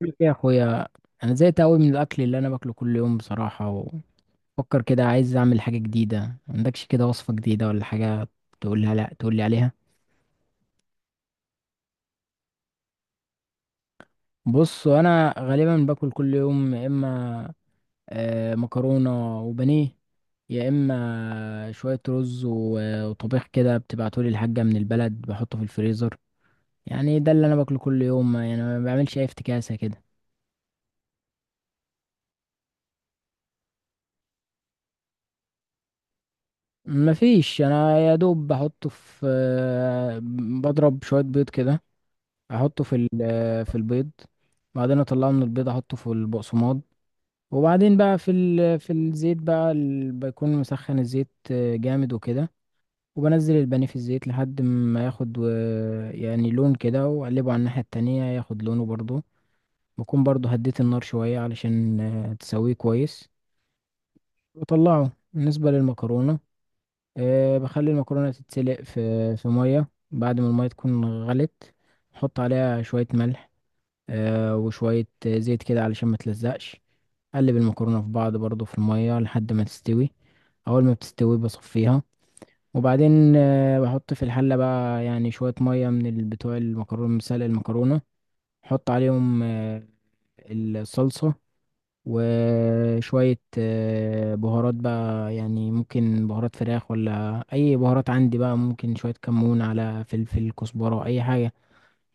بقول لك إيه يا اخويا؟ انا زهقت قوي من الاكل اللي انا باكله كل يوم بصراحه، وفكر كده عايز اعمل حاجه جديده. ما عندكش كده وصفه جديده ولا حاجه تقولها؟ لا، تقول لي عليها. بص، انا غالبا باكل كل يوم يا اما مكرونه وبانيه، يا اما شويه رز وطبيخ كده، بتبعتولي الحاجه من البلد بحطه في الفريزر. يعني ده اللي انا باكله كل يوم، يعني ما بعملش اي افتكاسه كده. مفيش، انا يا دوب بحطه في. بضرب شويه بيض كده، احطه في البيض. بعدين اطلعه من البيض، احطه في البقسماط، وبعدين بقى في الزيت، بيكون مسخن الزيت جامد وكده، وبنزل البانيه في الزيت لحد ما ياخد يعني لون كده، واقلبه على الناحية التانية ياخد لونه برضو. بكون برضو هديت النار شوية علشان تسويه كويس وطلعه. بالنسبة للمكرونة، بخلي المكرونة تتسلق في مية بعد ما المية تكون غلت. احط عليها شوية ملح وشوية زيت كده علشان ما تلزقش. قلب المكرونة في بعض برضو في المية لحد ما تستوي. أول ما بتستوي بصفيها، وبعدين بحط في الحلة بقى يعني شوية مية من بتوع المكرونة، مسلق المكرونة. حط عليهم الصلصة، وشوية بهارات بقى، يعني ممكن بهارات فراخ ولا أي بهارات عندي بقى، ممكن شوية كمون على فلفل كزبرة أي حاجة،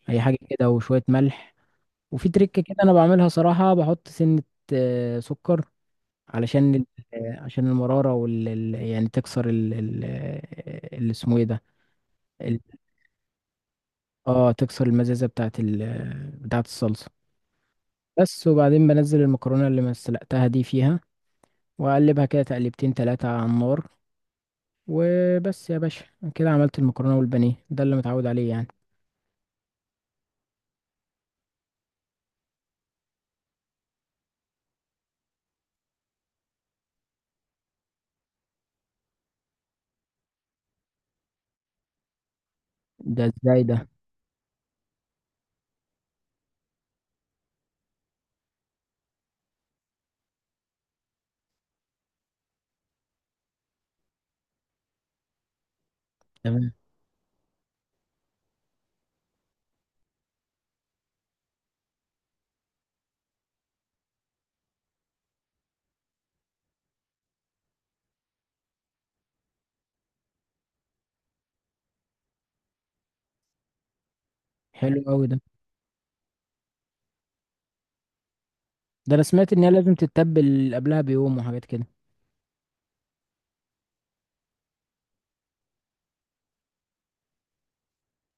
أي حاجة كده، وشوية ملح. وفي تريك كده انا بعملها صراحة، بحط سنة سكر علشان عشان المرارة يعني تكسر اللي اسمه ايه ده، ال- اه، تكسر المزازة بتاعت ال آه، بتاعت الصلصة، بس. وبعدين بنزل المكرونة اللي ما سلقتها دي فيها، واقلبها كده تقلبتين تلاتة على النار وبس يا باشا. كده عملت المكرونة والبانيه، ده اللي متعود عليه يعني. ده ازاي ده؟ تمام. حلو قوي ده. ده انا سمعت ان هي لازم تتبل قبلها بيوم وحاجات كده.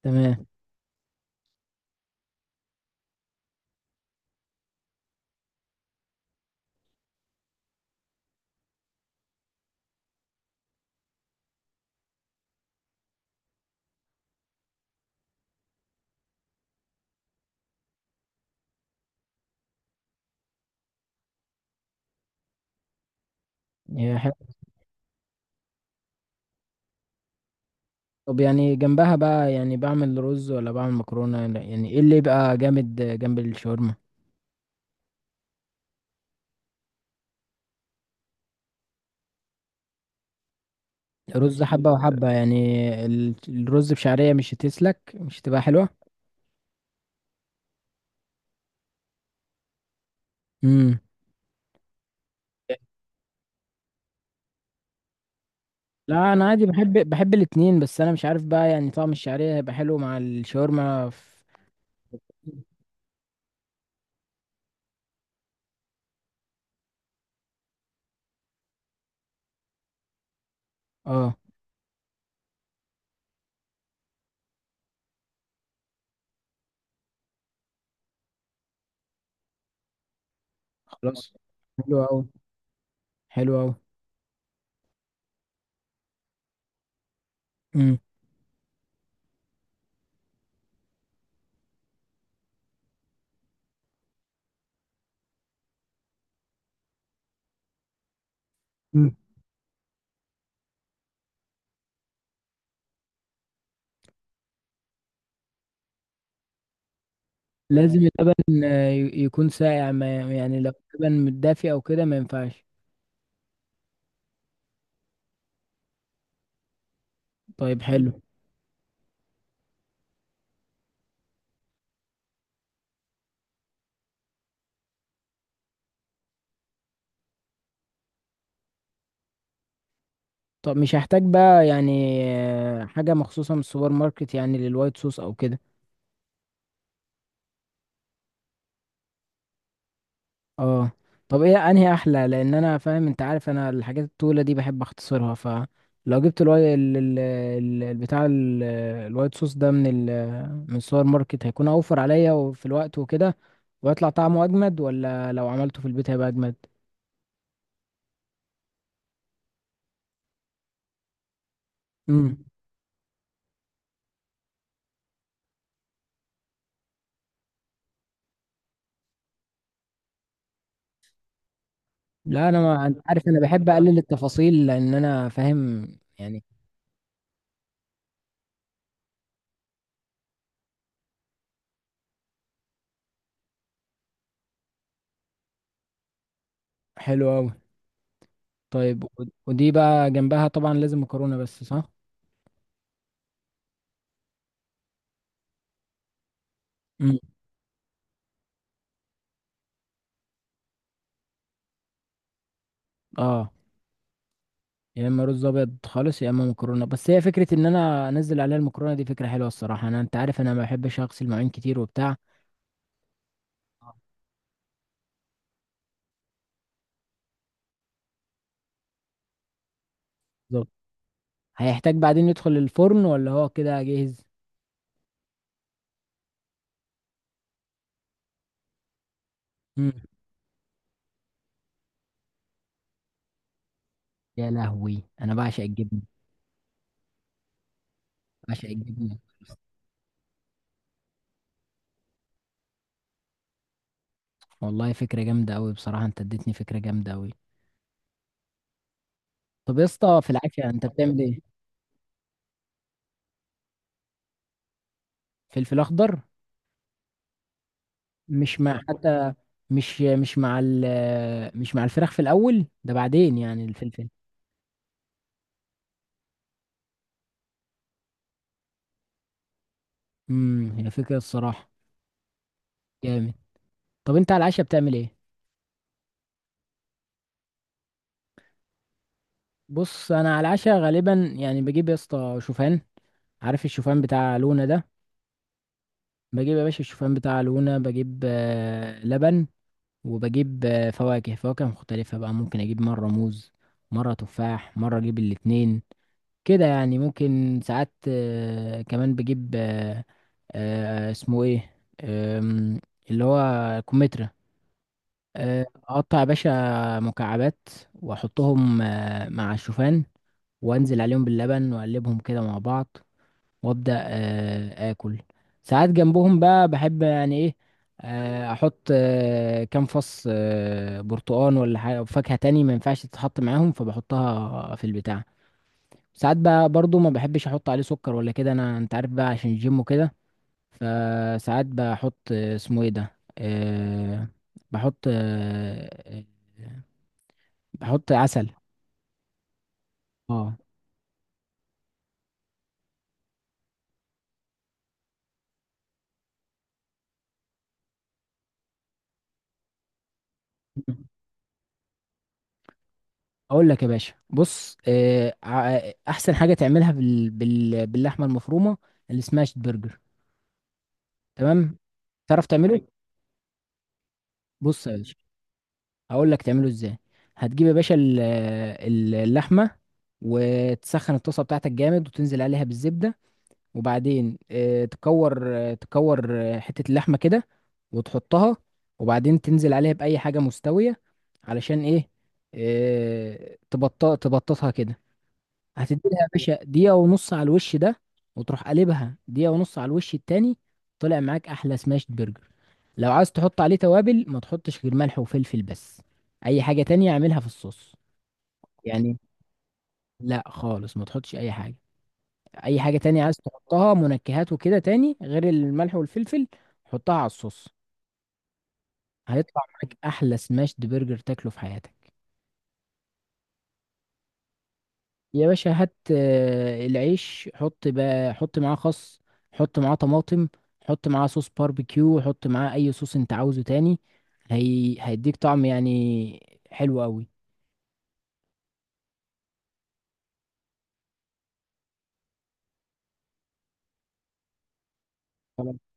تمام. يا، طب يعني جنبها بقى، يعني بعمل رز ولا بعمل مكرونة؟ يعني ايه اللي يبقى جامد جنب الشاورما؟ رز حبة وحبة يعني؟ الرز بشعرية مش هتسلك، مش هتبقى حلوة. امم. لا، انا عادي بحب الاتنين، بس انا مش عارف بقى يعني طعم الشعرية هيبقى حلو مع الشاورما في. اه. خلاص. حلو أوي. حلو أوي. امم. مم. لازم اللبن يكون ساقع، ما يعني لو اللبن متدافي أو كده ما ينفعش؟ طيب، حلو. طب مش هحتاج بقى يعني حاجة مخصوصة من السوبر ماركت يعني للوايت صوص او كده؟ اه. طب ايه انهي احلى؟ لان انا فاهم، انت عارف انا الحاجات الطويلة دي بحب اختصرها، فلو جبت الوايت صوص ده من من السوبر ماركت هيكون اوفر عليا وفي الوقت وكده، ويطلع طعمه اجمد ولا لو عملته في البيت هيبقى اجمد؟ امم. لا، انا ما، أنت عارف انا بحب اقلل التفاصيل لان انا فاهم يعني. حلو أوي. طيب ودي بقى جنبها طبعا لازم مكرونه بس صح؟ امم. اه. يا اما رز ابيض خالص، يا اما مكرونه بس. هي فكره ان انا انزل عليها المكرونه دي فكره حلوه الصراحه، انا انت عارف انا ما بحبش اغسل مواعين كتير وبتاع. آه، بالظبط. هيحتاج بعدين يدخل الفرن ولا هو كده جاهز؟ امم. يا لهوي، انا بعشق الجبنه. بعشق الجبنه. والله فكره جامده قوي بصراحه، انت اديتني فكره جامده قوي. طب يا اسطى في العافيه، انت بتعمل ايه؟ فلفل اخضر؟ مش مع حتى، مش مع مش مع الفراخ في الاول ده، بعدين يعني الفلفل؟ امم، هي فكره الصراحه جامد. طب انت على العشاء بتعمل ايه؟ بص انا على العشاء غالبا يعني بجيب يا اسطى شوفان، عارف الشوفان بتاع لونا ده؟ بجيب يا باشا الشوفان بتاع لونا، بجيب لبن، وبجيب فواكه، فواكه مختلفة بقى. ممكن اجيب مرة موز، مرة تفاح، مرة اجيب الاتنين، كده يعني. ممكن ساعات كمان بجيب اسمه ايه، آم، اللي هو كمثرى. اقطع يا باشا مكعبات، واحطهم مع الشوفان، وانزل عليهم باللبن واقلبهم كده مع بعض، وابدا اكل. ساعات جنبهم بقى بحب، يعني ايه، احط كام فص برتقان، ولا حاجه فاكهه تاني ما ينفعش تتحط معاهم فبحطها في البتاع. ساعات بقى برضو ما بحبش احط عليه سكر ولا كده انا، انت عارف بقى عشان الجيم وكده، فساعات بحط آه، اسمه ايه ده، أه بحط أه آه، بحط عسل. اه. اقول لك يا باشا، بص، احسن حاجه تعملها باللحمه المفرومه اللي اسمها شيت برجر. تمام؟ تعرف تعمله؟ أيوة. بص يا باشا، هقول لك تعمله ازاي. هتجيب يا باشا اللحمه، وتسخن الطاسه بتاعتك جامد، وتنزل عليها بالزبده، وبعدين تكور حتة اللحمة كده وتحطها، وبعدين تنزل عليها بأي حاجة مستوية، علشان ايه؟ آه، تبطأ تبططها كده. هتديلها يا باشا دقيقة ونص على الوش ده، وتروح قلبها دقيقة ونص على الوش التاني، طلع معاك أحلى سماشت برجر. لو عايز تحط عليه توابل ما تحطش غير ملح وفلفل بس، أي حاجة تانية اعملها في الصوص يعني. لا خالص، ما تحطش أي حاجة. اي حاجة تانية عايز تحطها منكهات وكده تاني غير الملح والفلفل، حطها على الصوص. هيطلع معاك احلى سماشد برجر تاكله في حياتك. يا باشا هات العيش، حط بقى، حط معاه خس، حط معاه طماطم، حط معاه صوص باربيكيو، حط معاه اي صوص انت عاوزه تاني، هي هيديك طعم يعني حلو قوي. خلاص.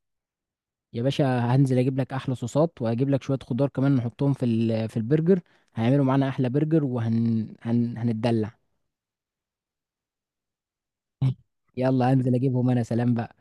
يا باشا هنزل اجيب لك احلى صوصات، وهجيب لك شوية خضار كمان نحطهم في في البرجر، هيعملوا معانا احلى برجر، هنتدلع. يلا انزل اجيبهم انا، سلام بقى.